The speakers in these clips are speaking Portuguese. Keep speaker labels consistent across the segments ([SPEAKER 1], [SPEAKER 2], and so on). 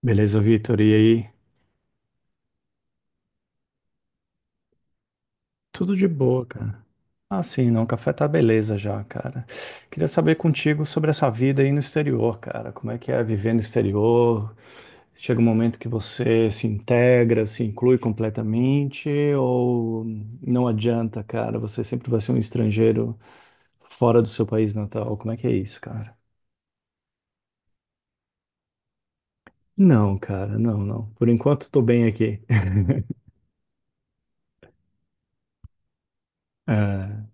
[SPEAKER 1] Beleza, Vitor. E aí? Tudo de boa, cara. Ah, sim, não. O café tá beleza já, cara. Queria saber contigo sobre essa vida aí no exterior, cara. Como é que é viver no exterior? Chega um momento que você se integra, se inclui completamente, ou não adianta, cara? Você sempre vai ser um estrangeiro fora do seu país natal. Como é que é isso, cara? Não, cara, não, não. Por enquanto, tô bem aqui.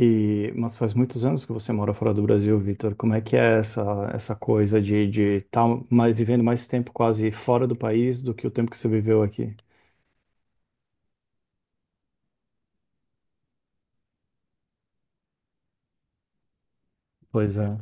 [SPEAKER 1] Mas faz muitos anos que você mora fora do Brasil, Vitor. Como é que é essa coisa de estar mais, vivendo mais tempo quase fora do país do que o tempo que você viveu aqui? Pois é.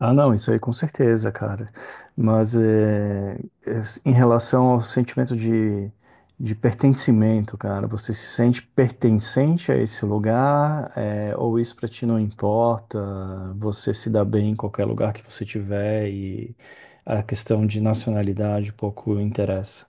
[SPEAKER 1] Ah, não, isso aí com certeza, cara. Mas em relação ao sentimento de pertencimento, cara, você se sente pertencente a esse lugar, é, ou isso pra ti não importa? Você se dá bem em qualquer lugar que você tiver e a questão de nacionalidade pouco interessa.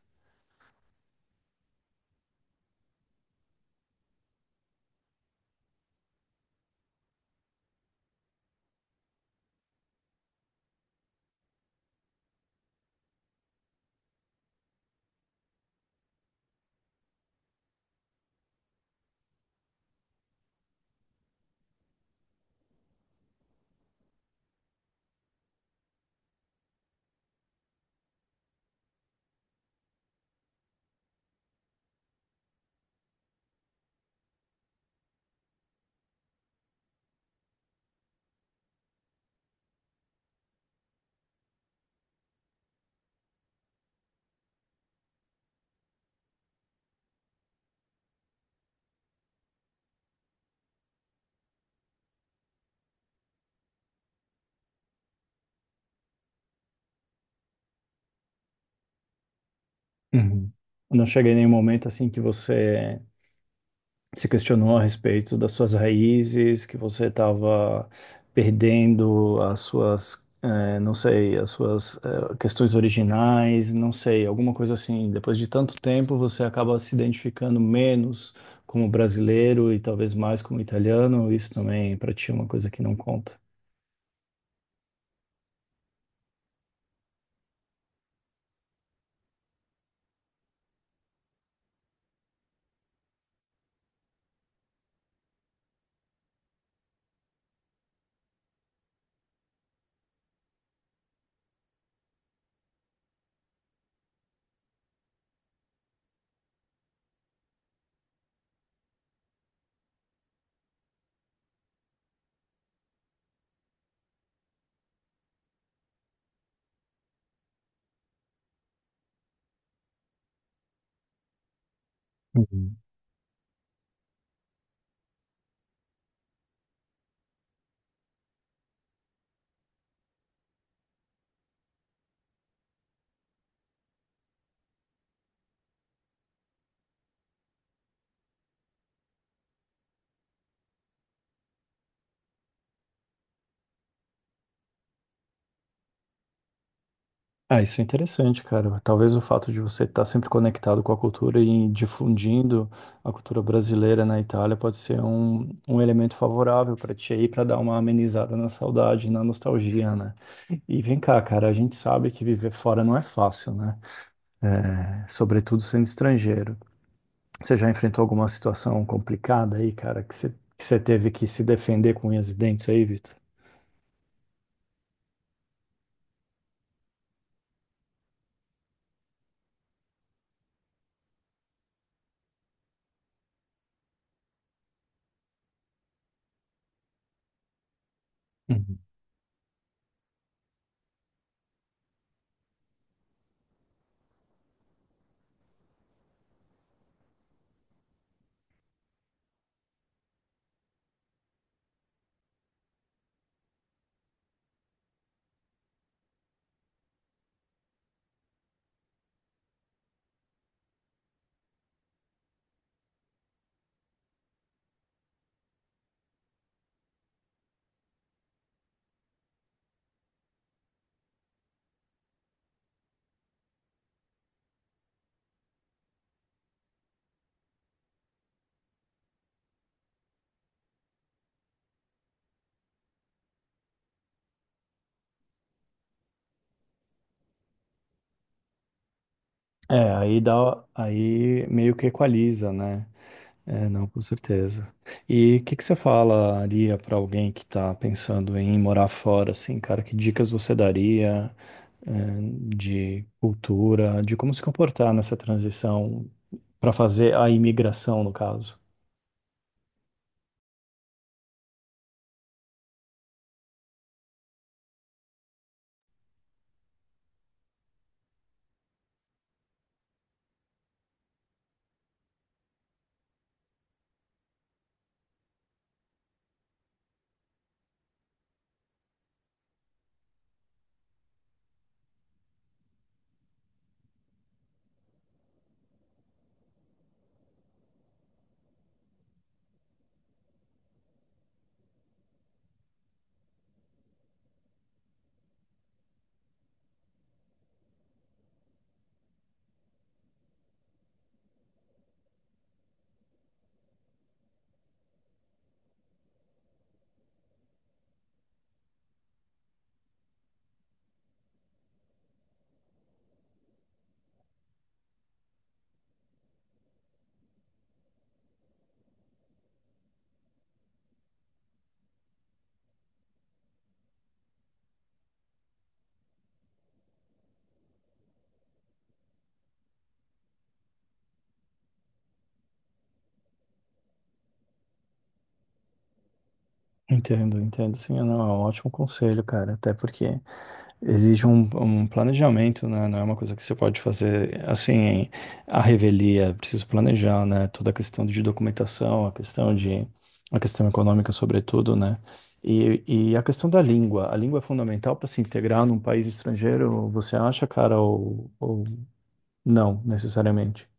[SPEAKER 1] Uhum. Não chega em nenhum momento assim que você se questionou a respeito das suas raízes, que você estava perdendo as suas, não sei, as suas, questões originais, não sei, alguma coisa assim. Depois de tanto tempo, você acaba se identificando menos como brasileiro e talvez mais como italiano. Isso também para ti é uma coisa que não conta. Uhum. Ah, isso é interessante, cara. Talvez o fato de você estar sempre conectado com a cultura e difundindo a cultura brasileira na Itália pode ser um, um elemento favorável para ti aí, para dar uma amenizada na saudade, na nostalgia, né? E vem cá, cara, a gente sabe que viver fora não é fácil, né? É, sobretudo sendo estrangeiro. Você já enfrentou alguma situação complicada aí, cara, que você teve que se defender com unhas e dentes aí, Vitor? Uhum. É, aí dá, aí meio que equaliza, né? É, não, com certeza. E o que que você falaria para alguém que tá pensando em morar fora, assim, cara? Que dicas você daria, eh, de cultura, de como se comportar nessa transição para fazer a imigração, no caso? Entendo, entendo. Sim, não, é um ótimo conselho, cara. Até porque exige um, um planejamento, né? Não é uma coisa que você pode fazer assim, à revelia. É preciso planejar, né? Toda a questão de documentação, a questão a questão econômica, sobretudo, né? E, e a questão da língua. A língua é fundamental para se integrar num país estrangeiro, você acha, cara, ou não, necessariamente?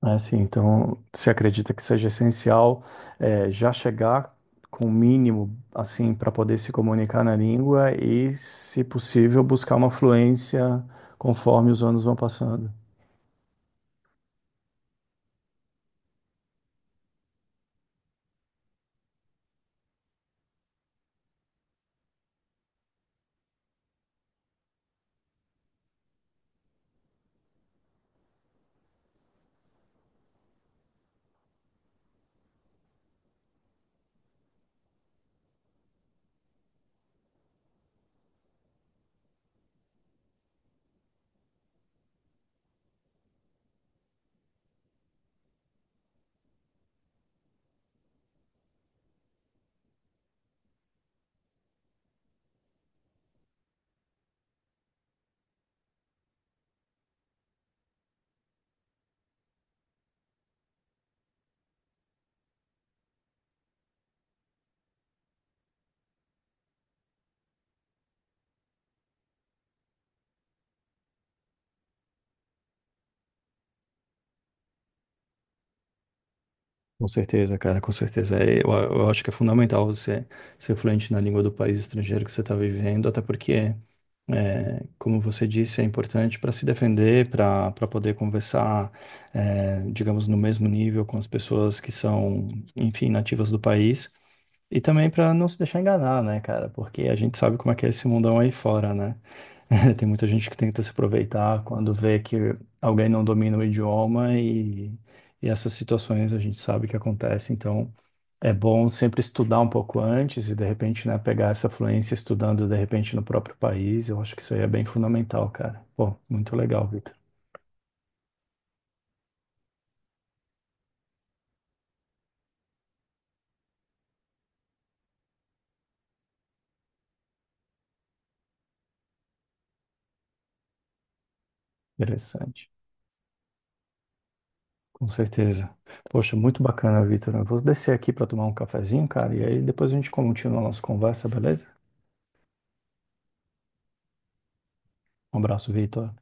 [SPEAKER 1] Ah, sim. Então, você acredita que seja essencial já chegar com o mínimo, assim, para poder se comunicar na língua e, se possível, buscar uma fluência conforme os anos vão passando? Com certeza, cara, com certeza. É, eu acho que é fundamental você ser fluente na língua do país estrangeiro que você está vivendo, até porque, é, como você disse, é importante para se defender, para poder conversar, é, digamos, no mesmo nível com as pessoas que são, enfim, nativas do país. E também para não se deixar enganar, né, cara? Porque a gente sabe como é que é esse mundão aí fora, né? Tem muita gente que tenta se aproveitar quando vê que alguém não domina o idioma e essas situações a gente sabe que acontece. Então é bom sempre estudar um pouco antes e de repente, né, pegar essa fluência estudando de repente no próprio país. Eu acho que isso aí é bem fundamental, cara. Pô, muito legal, Vitor. Interessante. Com certeza. Poxa, muito bacana, Vitor. Eu vou descer aqui para tomar um cafezinho, cara, e aí depois a gente continua a nossa conversa, beleza? Um abraço, Vitor.